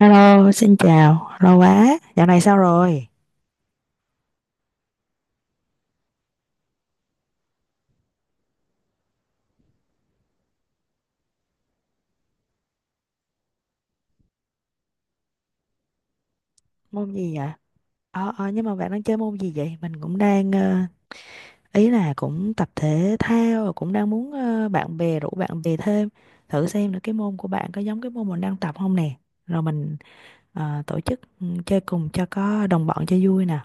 Hello, xin chào, lâu quá, dạo này sao rồi? Môn gì vậy? Nhưng mà bạn đang chơi môn gì vậy? Mình cũng đang, ý là cũng tập thể thao, rồi cũng đang muốn bạn bè, rủ bạn bè thêm, thử xem nữa cái môn của bạn có giống cái môn mình đang tập không nè. Rồi mình tổ chức chơi cùng cho có đồng bọn cho vui nè.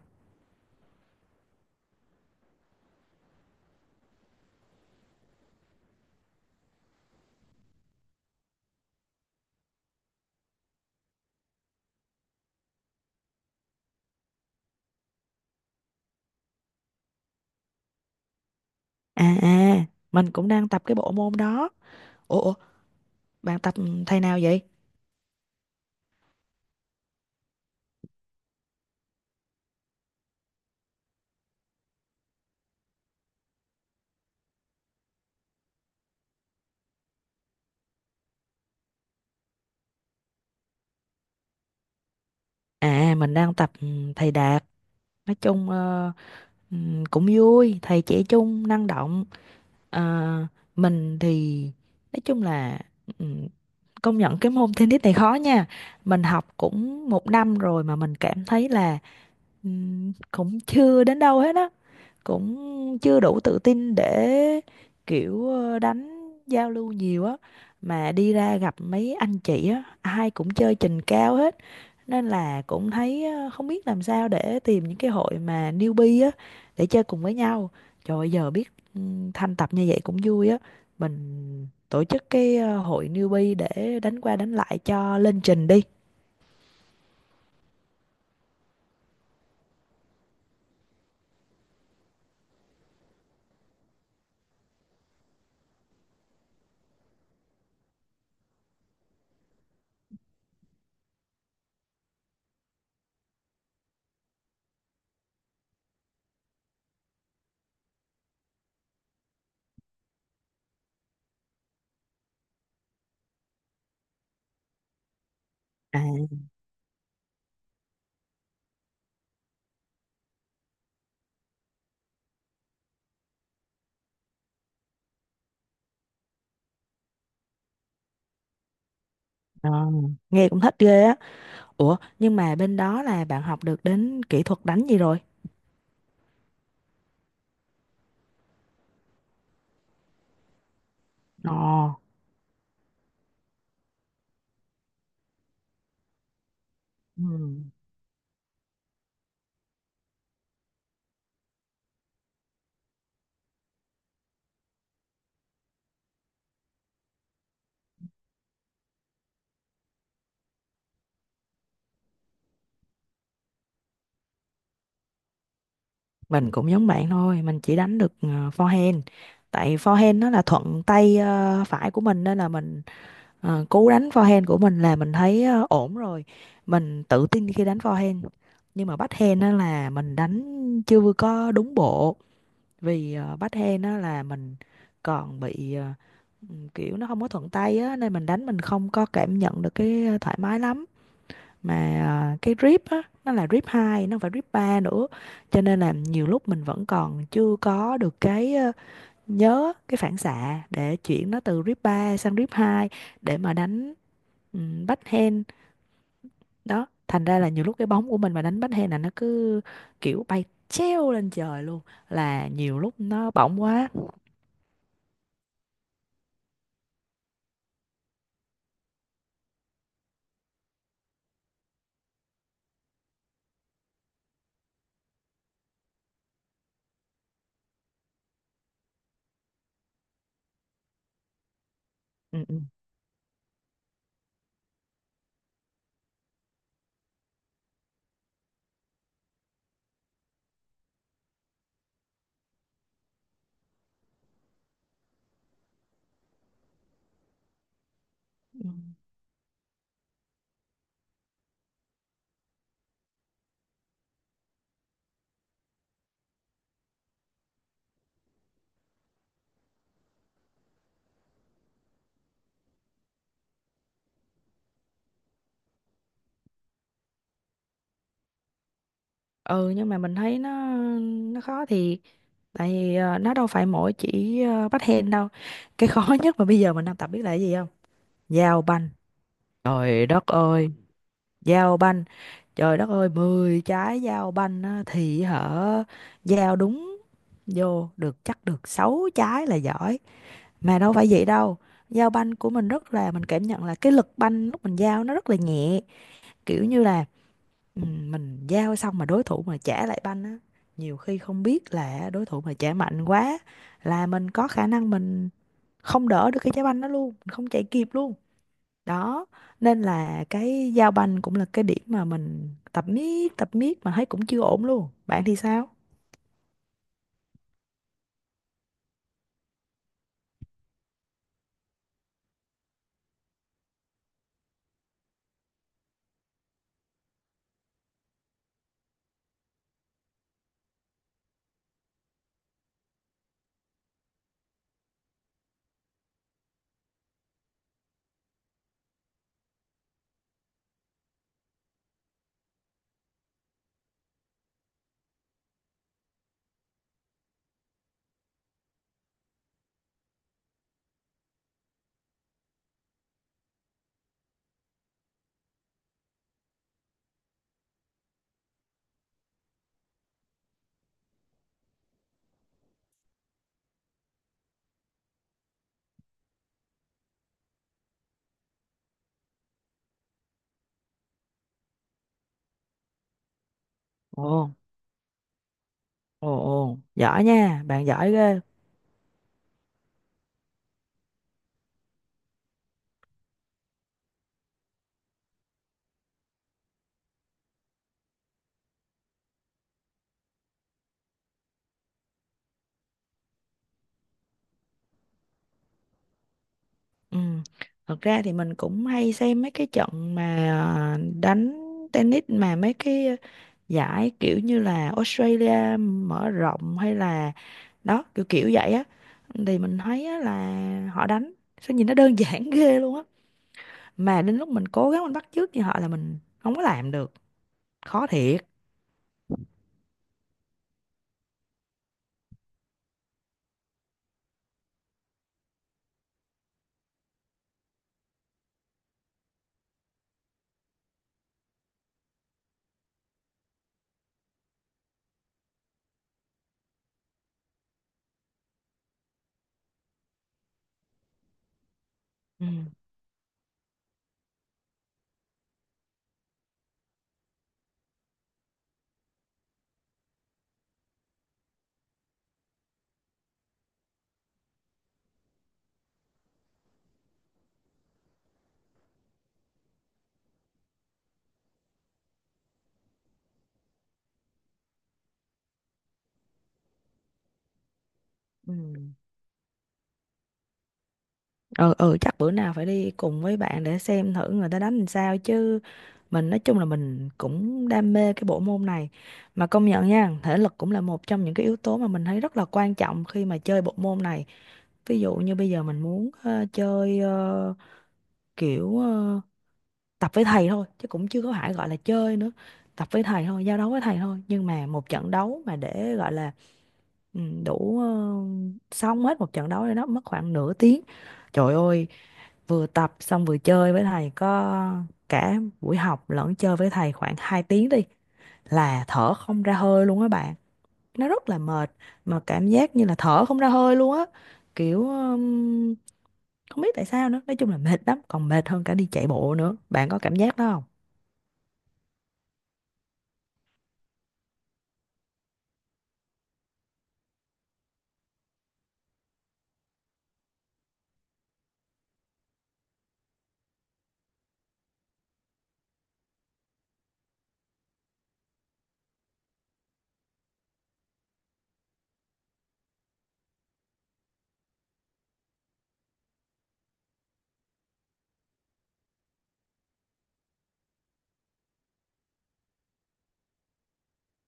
À à, mình cũng đang tập cái bộ môn đó. Ủa, bạn tập thầy nào vậy? À, mình đang tập thầy Đạt. Nói chung ừ, cũng vui, thầy trẻ trung, năng động. Ờ, mình thì nói chung là ừm, công nhận cái môn tennis này khó nha. Mình học cũng một năm rồi mà mình cảm thấy là cũng chưa đến đâu hết á, cũng chưa đủ tự tin để kiểu đánh giao lưu nhiều á, mà đi ra gặp mấy anh chị á ai cũng chơi trình cao hết, nên là cũng thấy không biết làm sao để tìm những cái hội mà newbie á để chơi cùng với nhau. Trời ơi, giờ biết ừ, thanh tập như vậy cũng vui á, mình tổ chức cái hội newbie để đánh qua đánh lại cho lên trình đi. À, ờ, nghe cũng thích ghê á. Ủa, nhưng mà bên đó là bạn học được đến kỹ thuật đánh gì rồi? Ồ, ừm, mình cũng giống bạn thôi, mình chỉ đánh được forehand. Tại forehand nó là thuận tay phải của mình nên là mình, cú đánh forehand của mình là mình thấy ổn rồi. Mình tự tin khi đánh forehand. Nhưng mà backhand đó là mình đánh chưa có đúng bộ, vì backhand đó là mình còn bị, kiểu nó không có thuận tay á nên mình đánh mình không có cảm nhận được cái thoải mái lắm. Mà cái drip á nó là drip 2, nó không phải drip 3 nữa, cho nên là nhiều lúc mình vẫn còn chưa có được cái, nhớ cái phản xạ để chuyển nó từ drip 3 sang drip 2 để mà đánh backhand đó. Thành ra là nhiều lúc cái bóng của mình mà đánh backhand là nó cứ kiểu bay treo lên trời luôn, là nhiều lúc nó bỏng quá. Ừ, ừ. Ừ. Ừ, nhưng mà mình thấy nó khó thiệt, tại vì nó đâu phải mỗi chỉ bắt hen đâu, cái khó nhất mà bây giờ mình đang tập biết là cái gì không? Giao banh. Trời đất ơi. Giao banh. Trời đất ơi, 10 trái giao banh á, thì hở giao đúng vô được chắc được 6 trái là giỏi. Mà đâu phải vậy đâu, giao banh của mình rất là, mình cảm nhận là cái lực banh lúc mình giao nó rất là nhẹ, kiểu như là... Ừ, mình giao xong mà đối thủ mà trả lại banh á, nhiều khi không biết là đối thủ mà trả mạnh quá là mình có khả năng mình không đỡ được cái trái banh đó luôn, mình không chạy kịp luôn đó. Nên là cái giao banh cũng là cái điểm mà mình tập miết mà thấy cũng chưa ổn luôn. Bạn thì sao? Ồ, ồ, ồ, giỏi nha bạn, giỏi ghê. Ừ, thật ra thì mình cũng hay xem mấy cái trận mà đánh tennis, mà mấy cái giải kiểu như là Australia mở rộng hay là đó, kiểu kiểu vậy á, thì mình thấy á, là họ đánh sao nhìn nó đơn giản ghê luôn á, mà đến lúc mình cố gắng mình bắt chước như họ là mình không có làm được. Khó thiệt. Ừ. Ừ. Ờ, ừ, chắc bữa nào phải đi cùng với bạn để xem thử người ta đánh làm sao chứ. Mình nói chung là mình cũng đam mê cái bộ môn này, mà công nhận nha, thể lực cũng là một trong những cái yếu tố mà mình thấy rất là quan trọng khi mà chơi bộ môn này. Ví dụ như bây giờ mình muốn chơi, kiểu tập với thầy thôi chứ cũng chưa có phải gọi là chơi nữa, tập với thầy thôi, giao đấu với thầy thôi, nhưng mà một trận đấu mà để gọi là đủ, xong hết một trận đấu rồi đó mất khoảng nửa tiếng. Trời ơi, vừa tập xong vừa chơi với thầy, có cả buổi học lẫn chơi với thầy khoảng 2 tiếng đi là thở không ra hơi luôn á bạn, nó rất là mệt. Mà cảm giác như là thở không ra hơi luôn á, kiểu không biết tại sao nữa, nói chung là mệt lắm, còn mệt hơn cả đi chạy bộ nữa. Bạn có cảm giác đó không?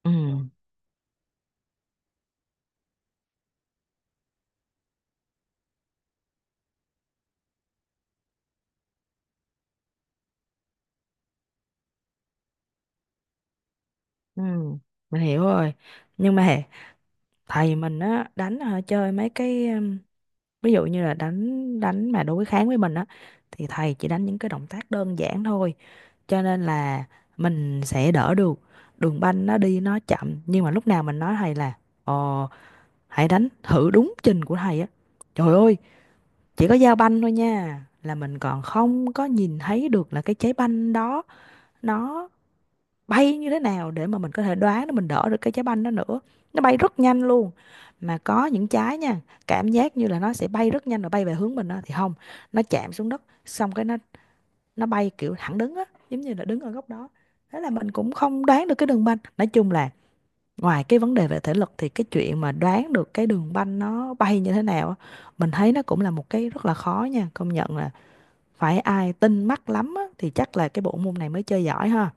Ừ, ừ, mình hiểu rồi. Nhưng mà thầy mình á đánh hả, chơi mấy cái, ví dụ như là đánh đánh mà đối kháng với mình á thì thầy chỉ đánh những cái động tác đơn giản thôi, cho nên là mình sẽ đỡ được, đường banh nó đi nó chậm. Nhưng mà lúc nào mình nói thầy là ờ, hãy đánh thử đúng trình của thầy á, trời ơi, chỉ có giao banh thôi nha là mình còn không có nhìn thấy được là cái trái banh đó nó bay như thế nào để mà mình có thể đoán để mình đỡ được cái trái banh đó nữa, nó bay rất nhanh luôn. Mà có những trái nha, cảm giác như là nó sẽ bay rất nhanh rồi bay về hướng mình đó, thì không, nó chạm xuống đất xong cái nó bay kiểu thẳng đứng á, giống như là đứng ở góc đó, thế là mình cũng không đoán được cái đường banh. Nói chung là ngoài cái vấn đề về thể lực thì cái chuyện mà đoán được cái đường banh nó bay như thế nào á, mình thấy nó cũng là một cái rất là khó nha. Công nhận là phải ai tinh mắt lắm á thì chắc là cái bộ môn này mới chơi giỏi ha.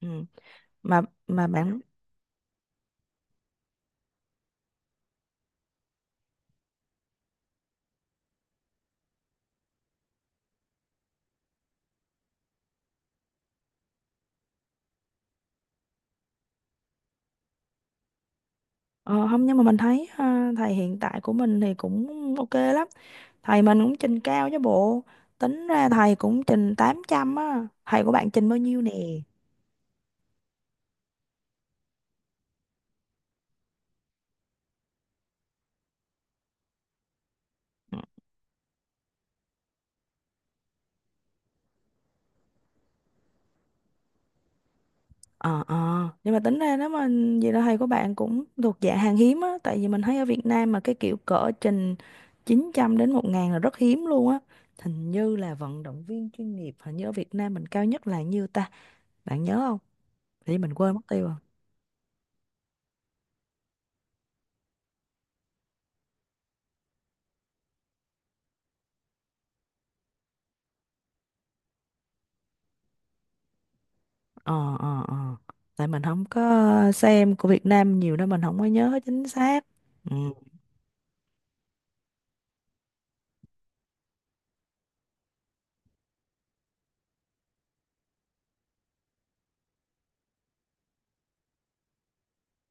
Ừ. mà mà bạn, Ờ, không, nhưng mà mình thấy ha, thầy hiện tại của mình thì cũng ok lắm, thầy mình cũng trình cao chứ bộ, tính ra thầy cũng trình 800 á. Thầy của bạn trình bao nhiêu nè? Ờ nhưng mà tính ra, nếu mà vậy là thầy của bạn cũng thuộc dạng hàng hiếm á, tại vì mình thấy ở Việt Nam mà cái kiểu cỡ trình 900 đến 1.000 là rất hiếm luôn á. Hình như là vận động viên chuyên nghiệp, hình như ở Việt Nam mình cao nhất là nhiêu ta, bạn nhớ không? Thì mình quên mất tiêu rồi. Ờ, ờ, ờ, tại mình không có xem của Việt Nam nhiều nên mình không có nhớ chính xác. Ừ.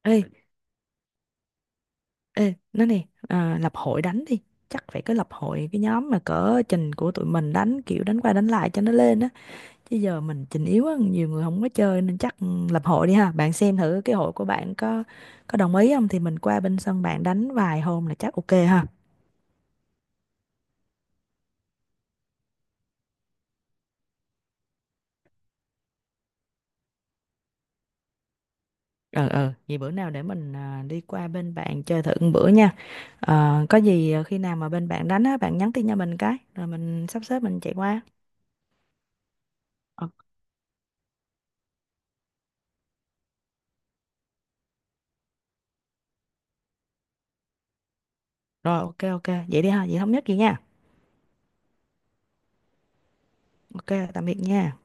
Ê, ê, nói nè, à, lập hội đánh đi, chắc phải có lập hội cái nhóm mà cỡ trình của tụi mình đánh kiểu đánh qua đánh lại cho nó lên á, chứ giờ mình trình yếu á nhiều người không có chơi nên chắc lập hội đi ha. Bạn xem thử cái hội của bạn có đồng ý không thì mình qua bên sân bạn đánh vài hôm là chắc ok ha. Ờ Vậy bữa nào để mình đi qua bên bạn chơi thử một bữa nha. Ờ, có gì khi nào mà bên bạn đánh á bạn nhắn tin cho mình cái rồi mình sắp xếp mình chạy qua. Ờ, rồi, ok, ok, vậy đi ha, vậy thống nhất gì nha. Ok, tạm biệt nha.